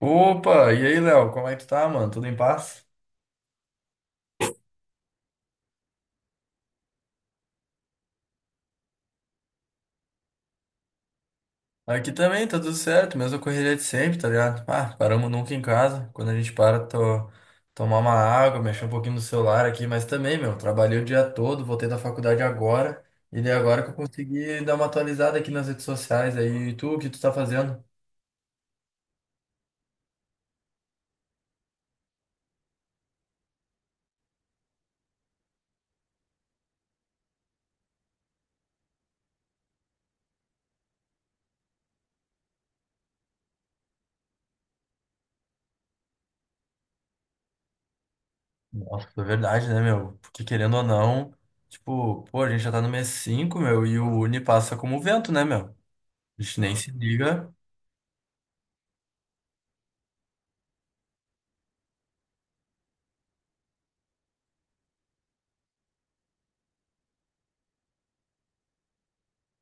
Opa, e aí, Léo, como é que tu tá, mano? Tudo em paz? Aqui também, tá tudo certo, mesma correria de sempre, tá ligado? Ah, paramos nunca em casa. Quando a gente para, tô, tomar uma água, mexer um pouquinho no celular aqui, mas também, meu, trabalhei o dia todo, voltei da faculdade agora, e daí agora que eu consegui dar uma atualizada aqui nas redes sociais aí. E tu, o que tu tá fazendo? Nossa, é verdade, né, meu? Porque querendo ou não, tipo, pô, a gente já tá no mês 5, meu, e o Uni passa como vento, né, meu? A gente nem se liga.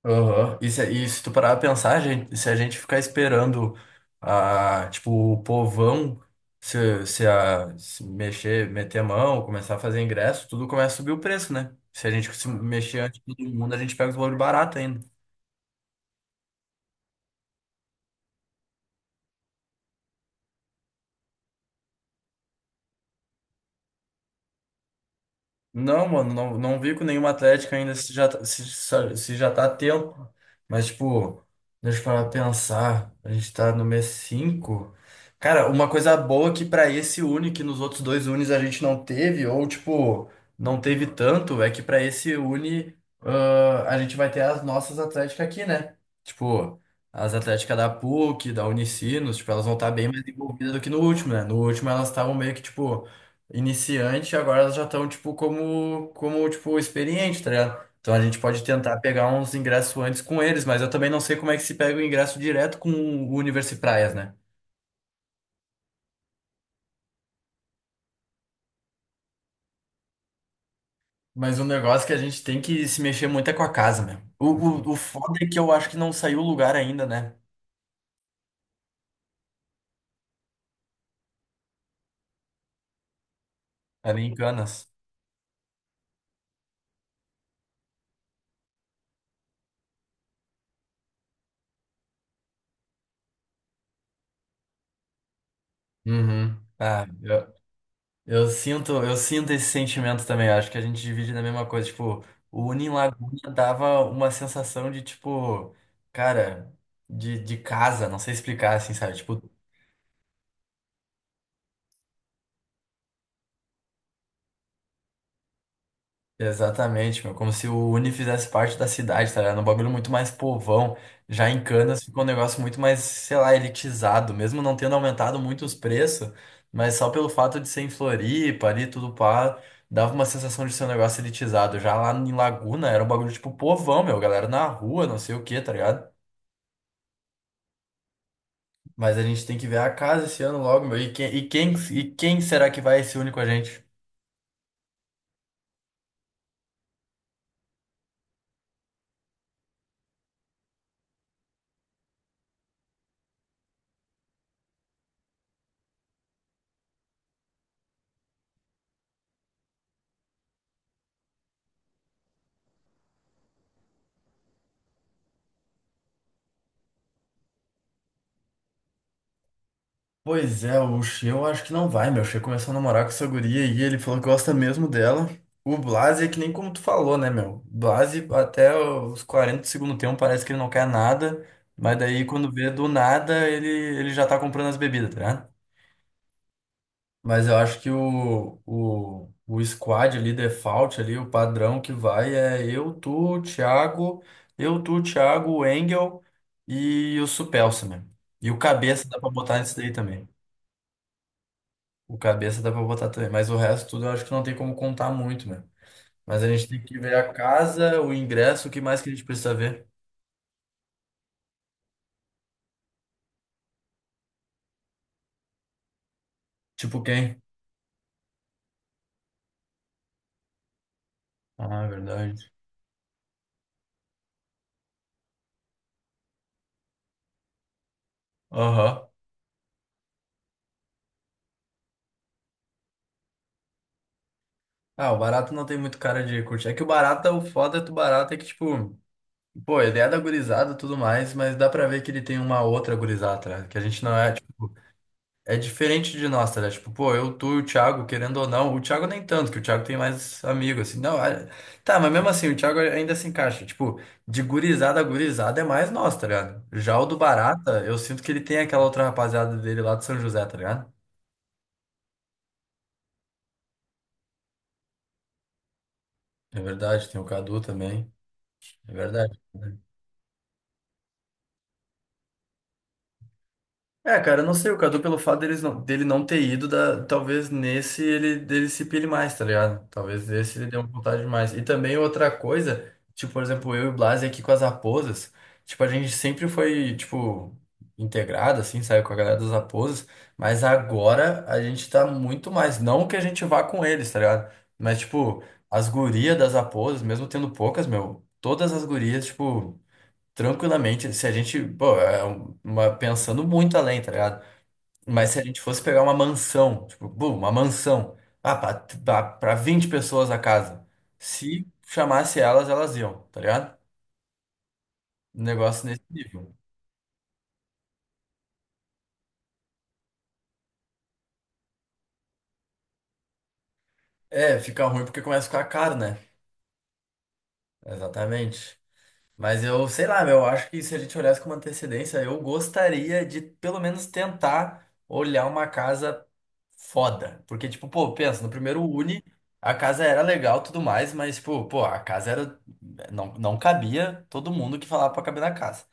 Aham. E se tu parar pra pensar, gente, se a gente ficar esperando a, tipo, o povão se mexer, meter a mão, começar a fazer ingresso, tudo começa a subir o preço, né? Se a gente se mexer antes de todo mundo, a gente pega os valores baratos ainda. Não, mano, não, não vi com nenhuma atlética ainda se já tá a tempo. Mas, tipo, deixa eu parar pra pensar. A gente tá no mês cinco. Cara, uma coisa boa que pra esse Uni, que nos outros dois Unis a gente não teve, ou, tipo, não teve tanto, é que pra esse Uni, a gente vai ter as nossas atléticas aqui, né? Tipo, as atléticas da PUC, da Unicinos, tipo, elas vão estar bem mais envolvidas do que no último, né? No último elas estavam meio que, tipo iniciante, agora elas já estão, tipo, como, tipo, experiente, tá ligado? Então a gente pode tentar pegar uns ingressos antes com eles, mas eu também não sei como é que se pega o ingresso direto com o Universi Praias, né? Mas o negócio que a gente tem que se mexer muito é com a casa, meu. O foda é que eu acho que não saiu o lugar ainda, né? Ali em Canas. Uhum. Ah, eu. Eu sinto esse sentimento também. Acho que a gente divide na mesma coisa. Tipo, o Uni em Laguna dava uma sensação de, tipo, cara, de casa, não sei explicar, assim, sabe? Tipo. Exatamente, meu. Como se o Uni fizesse parte da cidade, tá ligado? Um bagulho muito mais povão. Já em Canas ficou um negócio muito mais, sei lá, elitizado, mesmo não tendo aumentado muito os preços, mas só pelo fato de ser em Floripa ali, tudo pá, dava uma sensação de ser um negócio elitizado. Já lá em Laguna era um bagulho tipo povão, meu, galera na rua, não sei o que, tá ligado? Mas a gente tem que ver a casa esse ano logo, meu. E quem será que vai se unir com a gente? Pois é, o Xê eu acho que não vai, meu. O Xê começou a namorar com essa guria e ele falou que gosta mesmo dela. O Blase é que nem como tu falou, né, meu? O Blase até os 40 do segundo tempo parece que ele não quer nada, mas daí quando vê do nada ele já tá comprando as bebidas, tá ligado? Mas eu acho que o squad ali, default ali, o padrão que vai é eu, tu, Thiago, o Engel e o Supelsa, né? E o cabeça dá pra botar nisso daí também. O cabeça dá pra botar também, mas o resto tudo eu acho que não tem como contar muito, né? Mas a gente tem que ver a casa, o ingresso, o que mais que a gente precisa ver? Tipo quem? Ah, é verdade. Aham. Ah, o barato não tem muito cara de curtir. É que o barato, o foda do barato é que, tipo, pô, a ideia da gurizada e tudo mais, mas dá pra ver que ele tem uma outra gurizada, né? Que a gente não é. É diferente de nós, tá ligado? Tipo, pô, eu, tu e o Thiago, querendo ou não, o Thiago nem tanto, que o Thiago tem mais amigo, assim. Não, tá, mas mesmo assim, o Thiago ainda se encaixa. Tipo, de gurizada a gurizada é mais nós, tá ligado? Já o do Barata, eu sinto que ele tem aquela outra rapaziada dele lá de São José, tá ligado? É verdade, tem o Cadu também. É verdade. É, cara, eu não sei, o Cadu, pelo fato dele não ter ido, talvez nesse ele dele se pile mais, tá ligado? Talvez nesse ele dê uma vontade mais. E também outra coisa, tipo, por exemplo, eu e o Blasi aqui com as raposas, tipo, a gente sempre foi, tipo, integrado, assim, saiu com a galera das raposas, mas agora a gente tá muito mais, não que a gente vá com eles, tá ligado? Mas, tipo, as gurias das raposas, mesmo tendo poucas, meu, todas as gurias, tipo. Tranquilamente, se a gente, pô, é um, uma, pensando muito além, tá ligado? Mas se a gente fosse pegar uma mansão, tipo, bum, uma mansão, pra 20 pessoas a casa, se chamasse elas, elas iam, tá ligado? Um negócio nesse nível. É, fica ruim porque começa a ficar caro, né? Exatamente. Mas eu, sei lá, meu, eu acho que se a gente olhasse com uma antecedência, eu gostaria de pelo menos tentar olhar uma casa foda. Porque, tipo, pô, pensa, no primeiro Uni, a casa era legal e tudo mais, mas, tipo, pô, a casa era. Não, não cabia todo mundo que falava pra caber na casa.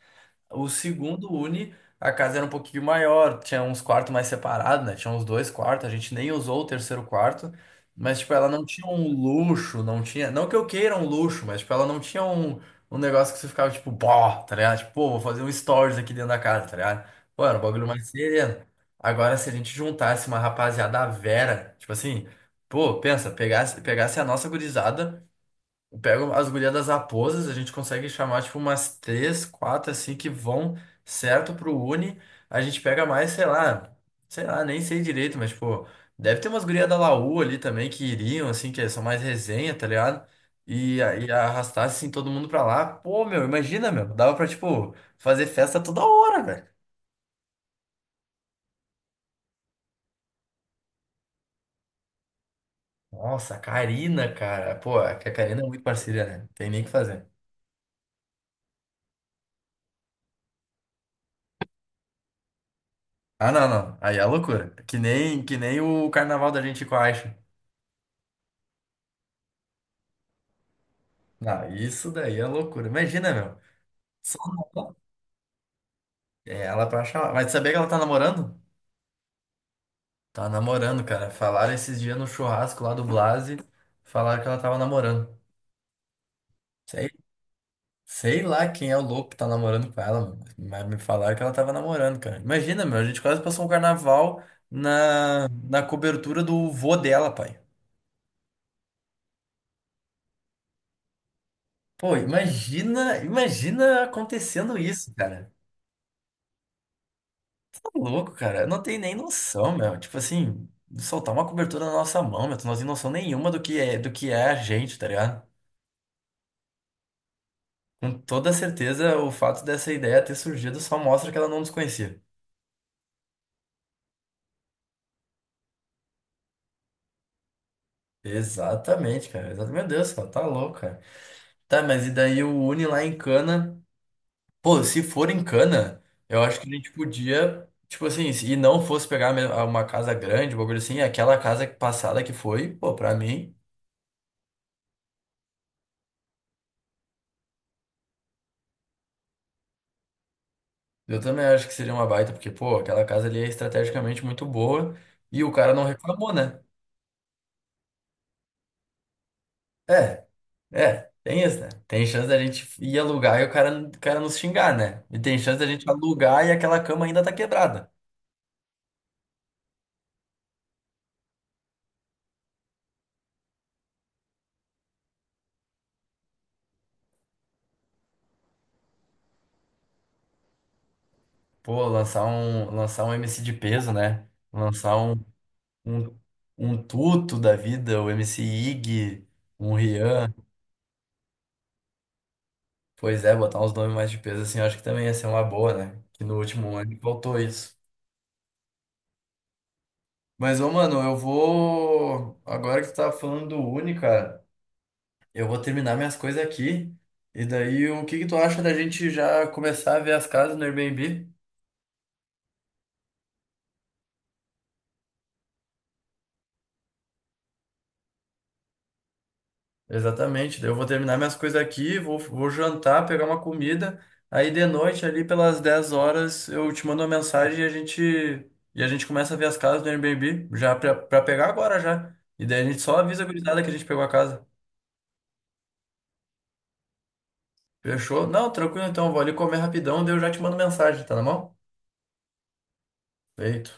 O segundo Uni, a casa era um pouquinho maior, tinha uns quartos mais separados, né? Tinha uns dois quartos, a gente nem usou o terceiro quarto, mas, tipo, ela não tinha um luxo, não tinha. Não que eu queira um luxo, mas, tipo, ela não tinha um negócio que você ficava, tipo, pó, tá ligado? Tipo, pô, vou fazer um stories aqui dentro da casa, tá ligado? Pô, era um bagulho mais sereno. Agora, se a gente juntasse uma rapaziada à Vera, tipo assim, pô, pensa, pegasse a nossa gurizada. Pego as gurias das aposas, a gente consegue chamar tipo umas três, quatro assim que vão certo pro Uni. A gente pega mais, sei lá, nem sei direito, mas tipo, deve ter umas gurias da Laú ali também que iriam, assim, que são mais resenha, tá ligado? E arrastasse assim todo mundo pra lá. Pô, meu, imagina, meu, dava pra tipo fazer festa toda hora, velho. Nossa, a Karina, cara. Pô, é que a Karina é muito parceira, né? Tem nem o que fazer. Ah, não, não. Aí é loucura. Que nem o carnaval da gente com a Aixa. Não, isso daí é loucura. Imagina, meu. Só no- É, ela pra chamar. Mas sabia que ela tá namorando? Tá namorando, cara. Falaram esses dias no churrasco lá do Blase. Falaram que ela tava namorando. Sei, sei lá quem é o louco que tá namorando com ela, meu, mas me falaram que ela tava namorando, cara. Imagina, meu. A gente quase passou um carnaval na cobertura do vô dela, pai. Pô, imagina acontecendo isso, cara. Que louco, cara. Eu não tenho nem noção, meu. Tipo assim, soltar uma cobertura na nossa mão, meu. Tu não tem noção nenhuma do que é a gente, tá ligado? Com toda certeza, o fato dessa ideia ter surgido só mostra que ela não nos conhecia. Exatamente, cara. Exatamente. Meu Deus, cara, tá louco, cara. Tá, mas e daí o Uni lá em Cana? Pô, se for em Cana, eu acho que a gente podia, tipo assim, se não fosse pegar uma casa grande, um bagulho assim, aquela casa passada que foi, pô, pra mim. Eu também acho que seria uma baita, porque, pô, aquela casa ali é estrategicamente muito boa e o cara não reclamou, né? É, é, tem isso, né? Tem chance da gente ir alugar e o cara nos xingar, né? E tem chance da gente alugar e aquela cama ainda tá quebrada. Pô, lançar um MC de peso, né? Lançar um, um Tuto da vida, o MC Ig, um Rian. Pois é, botar uns nomes mais de peso assim, eu acho que também ia ser uma boa, né? Que no último ano faltou isso. Mas, ô, mano, eu vou. Agora que tu tá falando do Uni, cara, eu vou terminar minhas coisas aqui. E daí, o que que tu acha da gente já começar a ver as casas no Airbnb? Exatamente. Daí eu vou terminar minhas coisas aqui, vou jantar, pegar uma comida. Aí de noite, ali pelas 10 horas, eu te mando uma mensagem e a gente começa a ver as casas no Airbnb, já pra pegar agora já. E daí a gente só avisa a gurizada que a gente pegou a casa. Fechou? Não, tranquilo então, eu vou ali comer rapidão, daí eu já te mando mensagem, tá na mão? Feito.